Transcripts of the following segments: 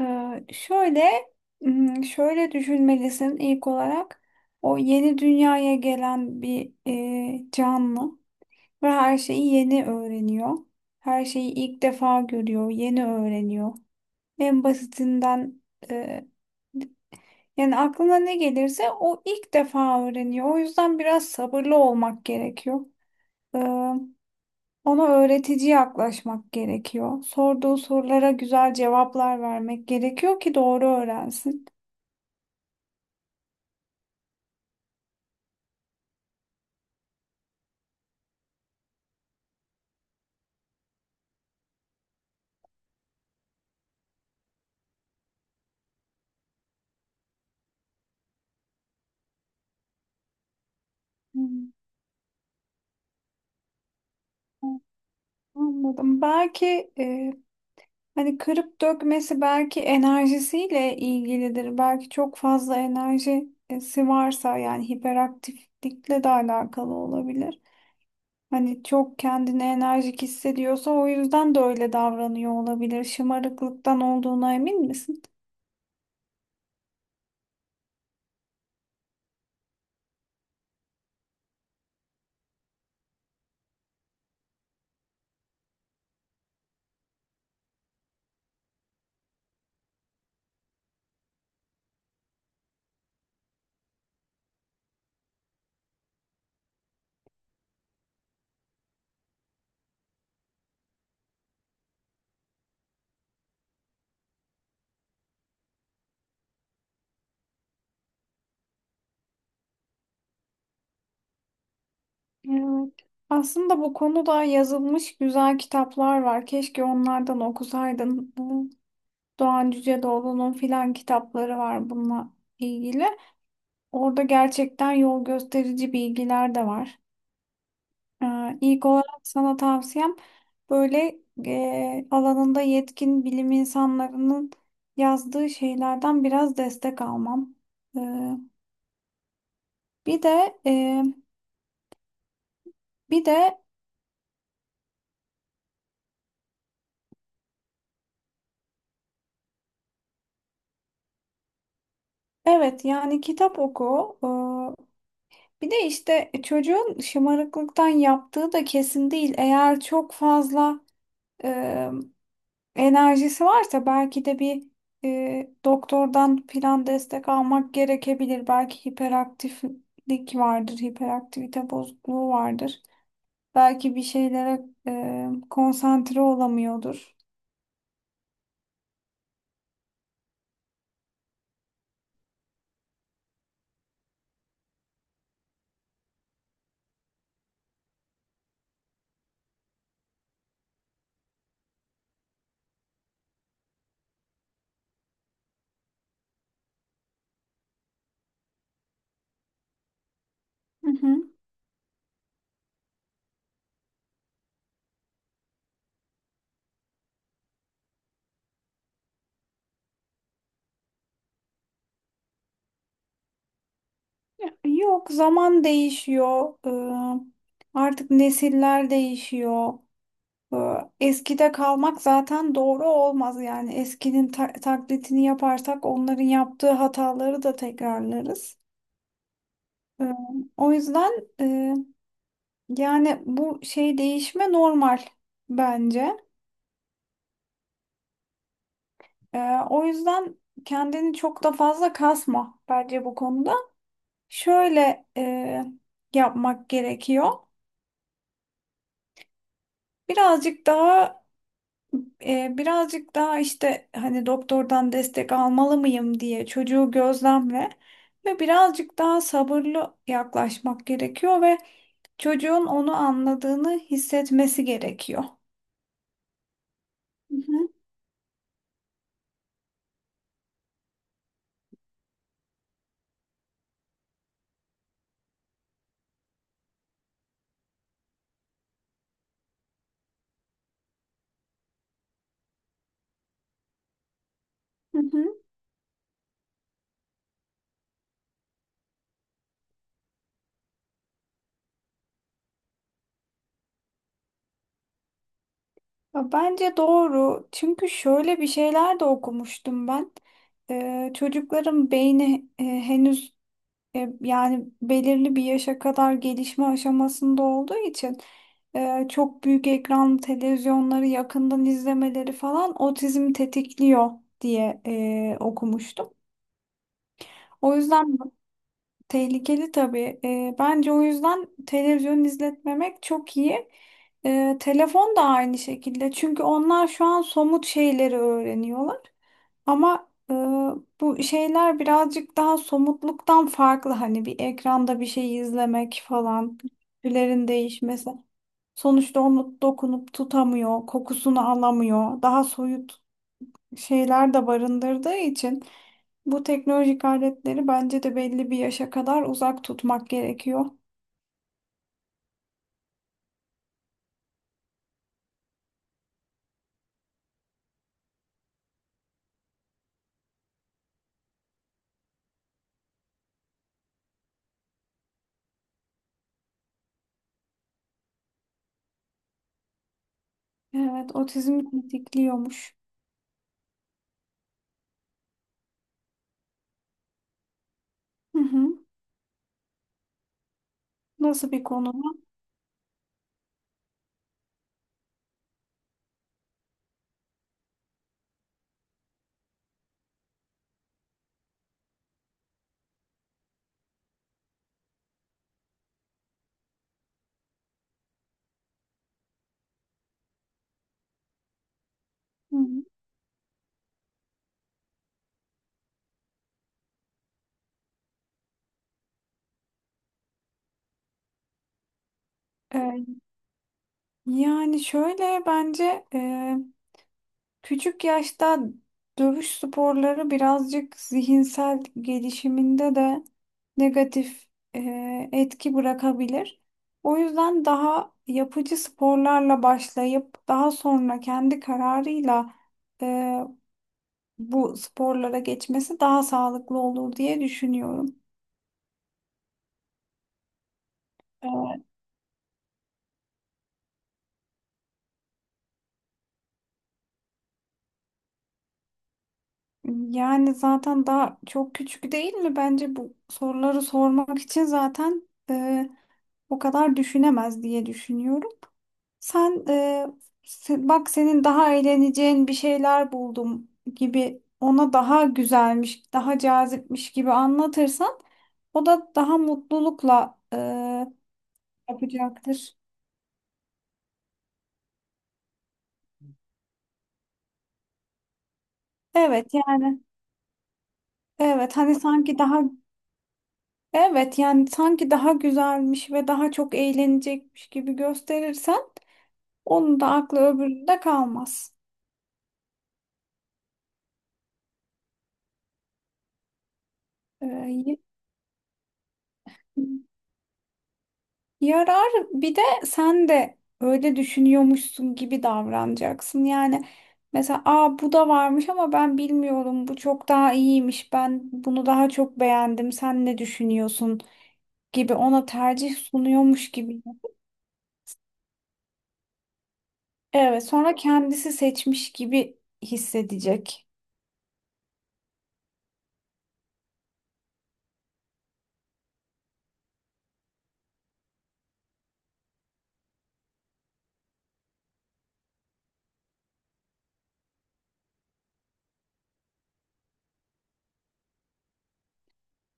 Ee, şöyle, Şöyle düşünmelisin ilk olarak. O yeni dünyaya gelen bir canlı ve her şeyi yeni öğreniyor. Her şeyi ilk defa görüyor, yeni öğreniyor. En basitinden e, yani aklına ne gelirse o ilk defa öğreniyor. O yüzden biraz sabırlı olmak gerekiyor. Ee, Ona öğretici yaklaşmak gerekiyor. Sorduğu sorulara güzel cevaplar vermek gerekiyor ki doğru öğrensin. Hmm. Anladım. Belki hani kırıp dökmesi belki enerjisiyle ilgilidir. Belki çok fazla enerjisi varsa yani hiperaktiflikle de alakalı olabilir. Hani çok kendini enerjik hissediyorsa o yüzden de öyle davranıyor olabilir. Şımarıklıktan olduğuna emin misin? Evet. Aslında bu konuda yazılmış güzel kitaplar var. Keşke onlardan okusaydın. Doğan Cüceloğlu'nun filan kitapları var bununla ilgili. Orada gerçekten yol gösterici bilgiler de var. İlk olarak sana tavsiyem böyle alanında yetkin bilim insanlarının yazdığı şeylerden biraz destek almam. Ee, bir de e, bir de evet yani kitap oku. Bir de işte çocuğun şımarıklıktan yaptığı da kesin değil. Eğer çok fazla e, enerjisi varsa belki de bir doktordan plan destek almak gerekebilir. Belki hiperaktiflik vardır, hiperaktivite bozukluğu vardır. Belki bir şeylere konsantre olamıyordur. Hı hı. Yok, zaman değişiyor. E, Artık nesiller değişiyor. E, Eskide kalmak zaten doğru olmaz, yani eskinin taklidini yaparsak onların yaptığı hataları da tekrarlarız. Ee, O yüzden e, Yani bu şey değişme normal bence. Ee, O yüzden kendini çok da fazla kasma bence bu konuda. Şöyle yapmak gerekiyor. Birazcık daha birazcık daha işte hani doktordan destek almalı mıyım diye çocuğu gözlemle ve birazcık daha sabırlı yaklaşmak gerekiyor ve çocuğun onu anladığını hissetmesi gerekiyor. Hı hı. Hı hı. Ya bence doğru. Çünkü şöyle bir şeyler de okumuştum ben. Çocukların beyni yani belirli bir yaşa kadar gelişme aşamasında olduğu için çok büyük ekran televizyonları yakından izlemeleri falan otizmi tetikliyor diye okumuştum. O yüzden bu tehlikeli tabii. Bence o yüzden televizyon izletmemek çok iyi. Telefon da aynı şekilde. Çünkü onlar şu an somut şeyleri öğreniyorlar. Ama bu şeyler birazcık daha somutluktan farklı. Hani bir ekranda bir şey izlemek falan, tüylerin değişmesi. Sonuçta onu dokunup tutamıyor, kokusunu alamıyor. Daha soyut şeyler de barındırdığı için bu teknolojik aletleri bence de belli bir yaşa kadar uzak tutmak gerekiyor. Evet, otizm tetikliyormuş. Hı hı. Nasıl bir konuda? Hı hı. E, Yani şöyle bence küçük yaşta dövüş sporları birazcık zihinsel gelişiminde de negatif etki bırakabilir. O yüzden daha yapıcı sporlarla başlayıp daha sonra kendi kararıyla e, bu sporlara geçmesi daha sağlıklı olur diye düşünüyorum. E, Yani zaten daha çok küçük değil mi? Bence bu soruları sormak için zaten o kadar düşünemez diye düşünüyorum. Sen e, Bak senin daha eğleneceğin bir şeyler buldum gibi ona daha güzelmiş, daha cazipmiş gibi anlatırsan o da daha mutlulukla yapacaktır. Evet yani evet hani sanki daha, evet yani sanki daha güzelmiş ve daha çok eğlenecekmiş gibi gösterirsen onun da aklı öbüründe kalmaz. E, Yarar, bir de sen de öyle düşünüyormuşsun gibi davranacaksın. Yani mesela aa bu da varmış ama ben bilmiyorum, bu çok daha iyiymiş, ben bunu daha çok beğendim, sen ne düşünüyorsun gibi ona tercih sunuyormuş gibi. Evet, sonra kendisi seçmiş gibi hissedecek.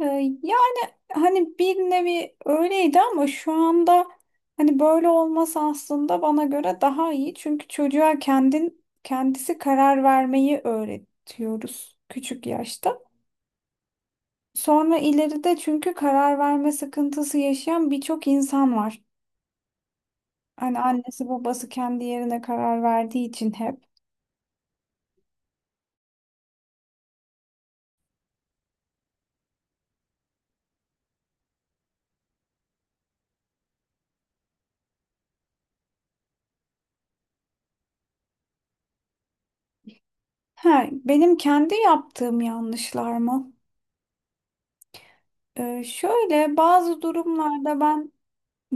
Ee, Yani hani bir nevi öyleydi ama şu anda hani böyle olması aslında bana göre daha iyi. Çünkü çocuğa kendin kendisi karar vermeyi öğretiyoruz küçük yaşta. Sonra ileride çünkü karar verme sıkıntısı yaşayan birçok insan var. Hani annesi babası kendi yerine karar verdiği için hep. Ha, benim kendi yaptığım yanlışlar mı? Şöyle bazı durumlarda ben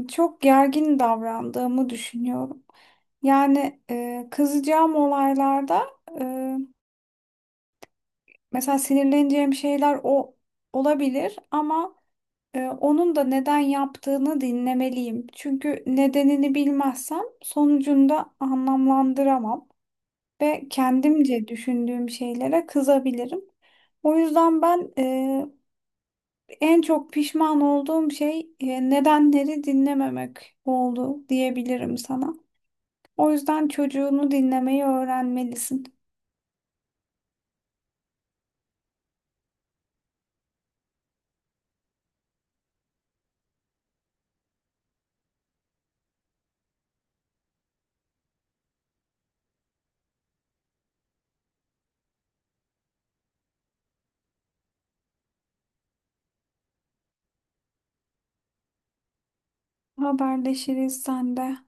çok gergin davrandığımı düşünüyorum. Yani kızacağım olaylarda e, mesela sinirleneceğim şeyler o olabilir ama onun da neden yaptığını dinlemeliyim. Çünkü nedenini bilmezsem sonucunu da anlamlandıramam ve kendimce düşündüğüm şeylere kızabilirim. O yüzden ben e, En çok pişman olduğum şey nedenleri dinlememek oldu diyebilirim sana. O yüzden çocuğunu dinlemeyi öğrenmelisin. Haberleşiriz sen de.